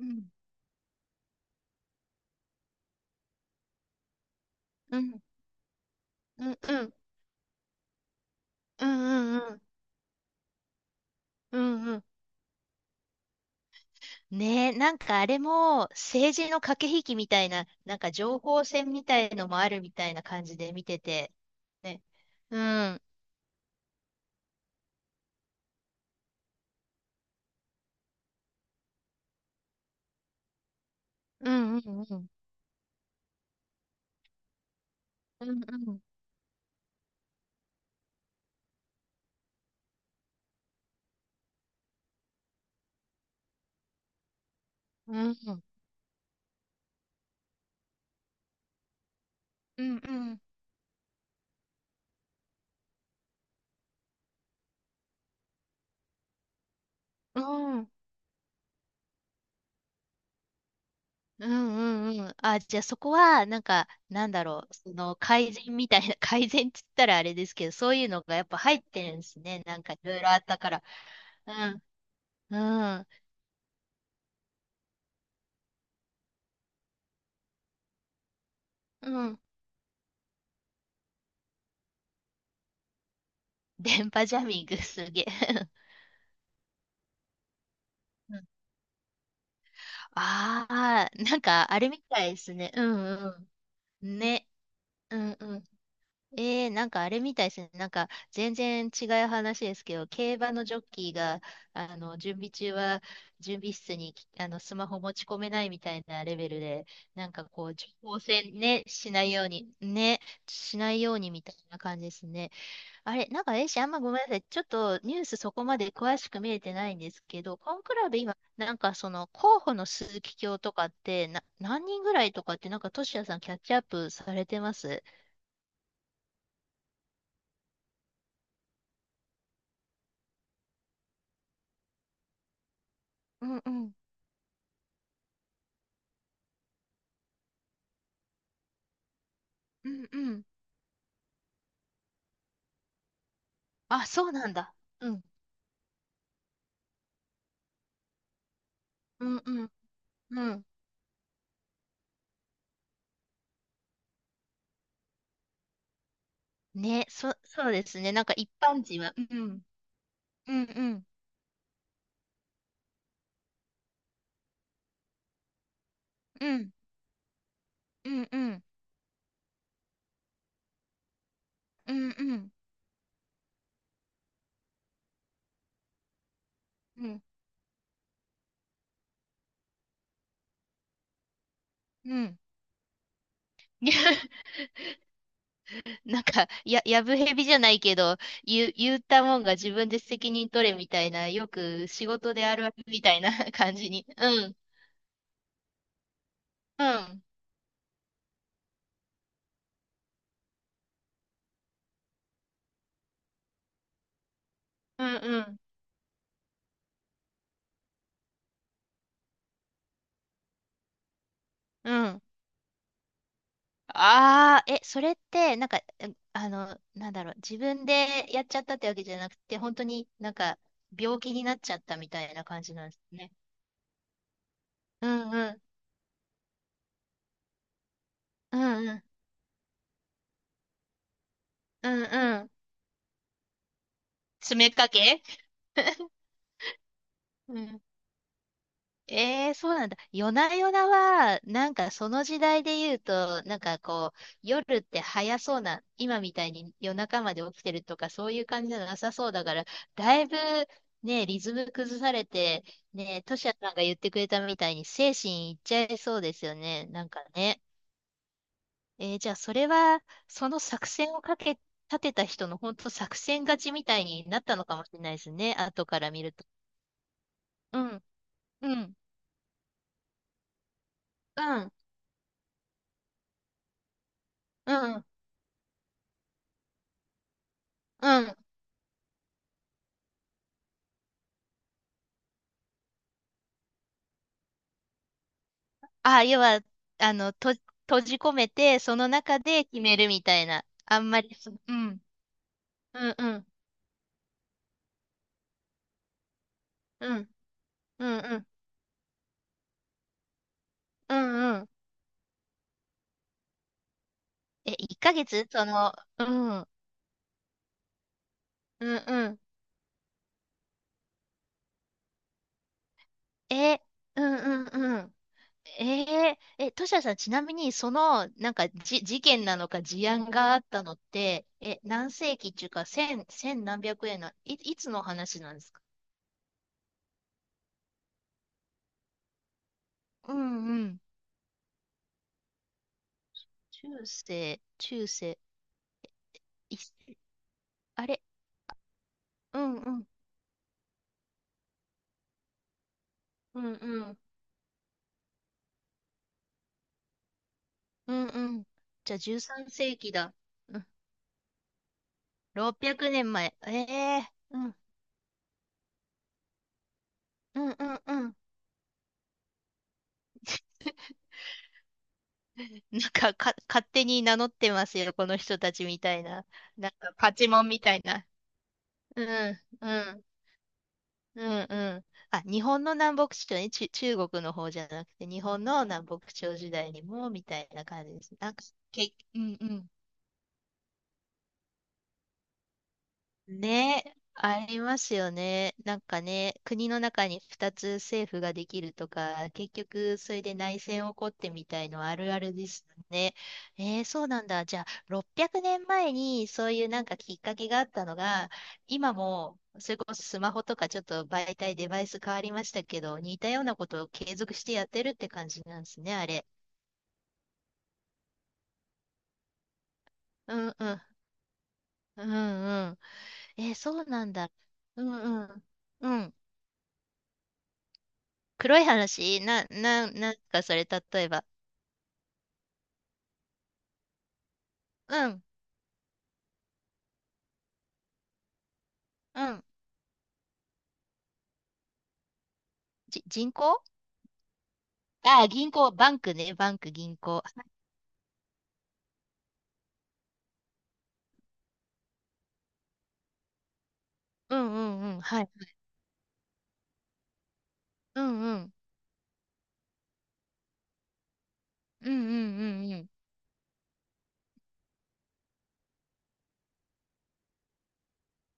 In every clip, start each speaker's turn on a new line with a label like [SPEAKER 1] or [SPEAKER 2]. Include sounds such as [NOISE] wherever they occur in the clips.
[SPEAKER 1] うん、うん、うん、うん、うん、うん、うん、うん。ねえ、なんかあれも政治の駆け引きみたいな、なんか情報戦みたいのもあるみたいな感じで見てて。ね。うん、うん、うん、うん、うん、うん、うん、うん、うん、うん、うん、うん、うん。あ、じゃあそこは、なんだろう、その改善みたいな、[LAUGHS] 改善って言ったらあれですけど、そういうのがやっぱ入ってるんですね。なんかいろいろあったから。うん、うん、うん、電波ジャミングすげえ。[LAUGHS] うん。ああ、なんかあれみたいですね。うんうん。ね。うんうん。なんかあれみたいですね。なんか全然違う話ですけど、競馬のジョッキーが、準備中は準備室にあのスマホ持ち込めないみたいなレベルで、なんかこう、情報戦ね、しないように、ね、しないようにみたいな感じですね。あれ、あんまごめんなさい。ちょっとニュースそこまで詳しく見れてないんですけど、コンクラベ今、なんかその候補の鈴木卿とかって、何人ぐらいとかって、なんか、トシヤさんキャッチアップされてますうんうん。うんうん。あ、そうなんだ。うん。うんうんうん。そうですね。なんか一般人は、うんうんうんうんうんうんうんうんうんうん。[LAUGHS] [LAUGHS] やぶへびじゃないけど、言ったもんが自分で責任取れみたいな、よく仕事であるあるみたいな [LAUGHS] 感じに。うん。うん。うんうん。うん。それって、あの、なんだろう、自分でやっちゃったってわけじゃなくて、本当になんか、病気になっちゃったみたいな感じなんですね。うんうん。うんうん。うんうん。詰めかけ [LAUGHS] うんええそうなんだ。夜な夜なは、なんかその時代で言うと、なんかこう、夜って早そうな、今みたいに夜中まで起きてるとか、そういう感じじゃなさそうだから、だいぶね、リズム崩されて、ね、トシヤさんが言ってくれたみたいに精神いっちゃいそうですよね。なんかね。えーじゃあそれは、その作戦をかけ、立てた人の本当作戦勝ちみたいになったのかもしれないですね。後から見ると。うん、うん、うん、うん、うん。あ、要は、あの、と、閉じ込めて、その中で決めるみたいな。あんまりそ、うん。うんうん。うん。うんうん。うんうん。え、1ヶ月その、うん。うんうん。え、うんうんうん。えー、え、トシヤさん、ちなみに、その、事件なのか、事案があったのって、え、何世紀っていうか、千何百円の、いつの話なんですかうんうん。中世、い、あれ、うんうん、うんうん。うんうん。じゃあ13世紀だ。うん。600年前。ええうん。うんうんうん。[LAUGHS] 勝手に名乗ってますよ、この人たちみたいな。なんか、パチモンみたいな。うん、うん、うん、うん。あ、日本の南北朝ね、中国の方じゃなくて、日本の南北朝時代にも、みたいな感じです。うんうん。ね、ありますよね。なんかね、国の中に2つ政府ができるとか、結局それで内戦起こってみたいのあるあるですね。えー、そうなんだ。じゃあ、600年前にそういうなんかきっかけがあったのが、今も、それこそスマホとかちょっと媒体、デバイス変わりましたけど、似たようなことを継続してやってるって感じなんですね、あれ。うんうん。うんうん。えー、そうなんだ。うんうん。うん。黒い話な、な、なんかそれ、例えば。うん、うん。人行？ああ、銀行、バンクね、バンク、銀行。うんうんうん、はい。うんうん。うんうんうんうん。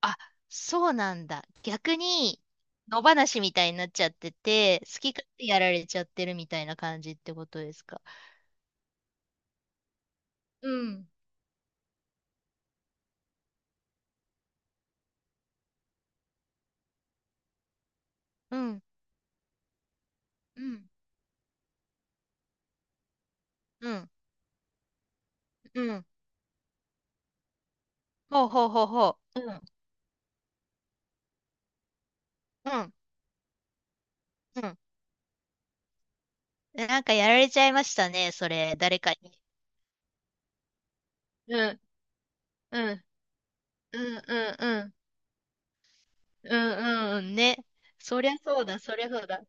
[SPEAKER 1] あ、そうなんだ。逆に、野放しみたいになっちゃってて、好き勝手やられちゃってるみたいな感じってことですか。うん、うん、うん、うん、うん。ほうほうほうほう。うん、うん、うん。なんかやられちゃいましたね、それ、誰かに。うん、うん。うんうんうん。うんうんね。そりゃそうだ、そりゃそうだ。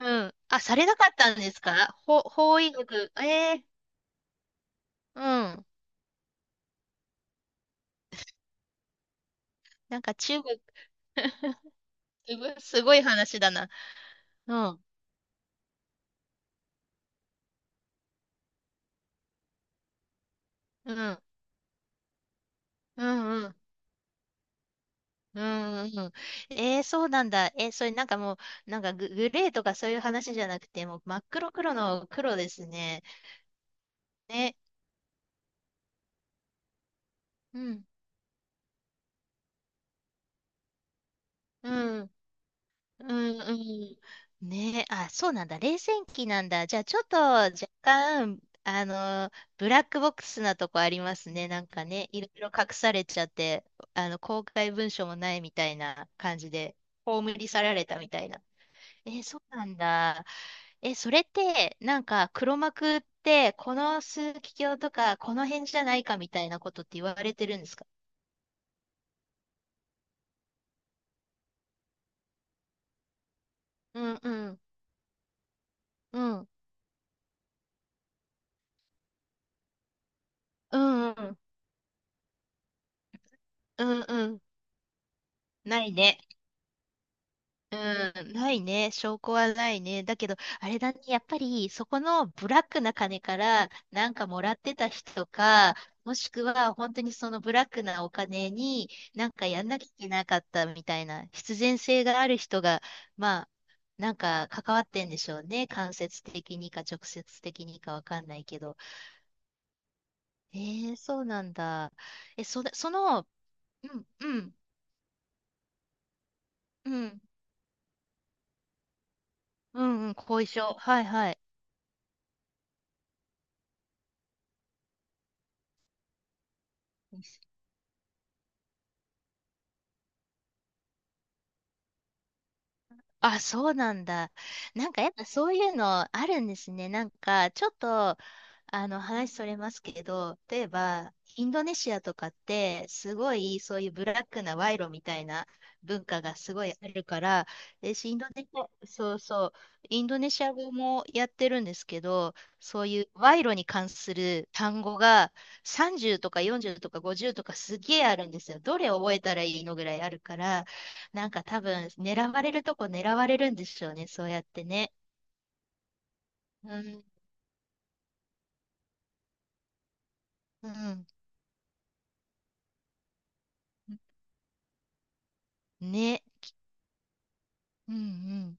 [SPEAKER 1] うん。されなかったんですかほ、法医学。ええうん。なんか中国、[LAUGHS] すごい、すごい話だな。うん。うん。うんうん。うんうんうん。えー、そうなんだ。えーそれなんかもう、グレーとかそういう話じゃなくて、もう真っ黒黒の黒ですね。ね。うん。うん。うんうん。ねえ、あ、そうなんだ。冷戦期なんだ。じゃあ、ちょっと若干、ブラックボックスなとこありますね。なんかね、いろいろ隠されちゃって、公開文書もないみたいな感じで、葬り去られたみたいな。え、そうなんだ。え、それって、なんか、黒幕って、この枢機卿とか、この辺じゃないかみたいなことって言われてるんですかうんうん。うん。うんうん。うんうん。ないね。うん、ないね。証拠はないね。だけど、あれだね。やっぱり、そこのブラックな金から、なんかもらってた人か、もしくは、本当にそのブラックなお金に、なんかやんなきゃいけなかったみたいな、必然性がある人が、まあ、なんか関わってんでしょうね。間接的にか、直接的にかわかんないけど。えー、そうなんだ。え、それ、その、うん、うん、うん、うん、うん、後遺症。はい、はい。あ、そうなんだ。なんかやっぱそういうのあるんですね。なんかちょっと、あの、話それますけど、例えば、インドネシアとかって、すごい、そういうブラックな賄賂みたいな文化がすごいあるから、私、インドネシア語もやってるんですけど、そういう賄賂に関する単語が30とか40とか50とかすげえあるんですよ。どれ覚えたらいいのぐらいあるから、なんか多分、狙われるとこ狙われるんでしょうね、そうやってね。うん、うん、ね、うん、うん。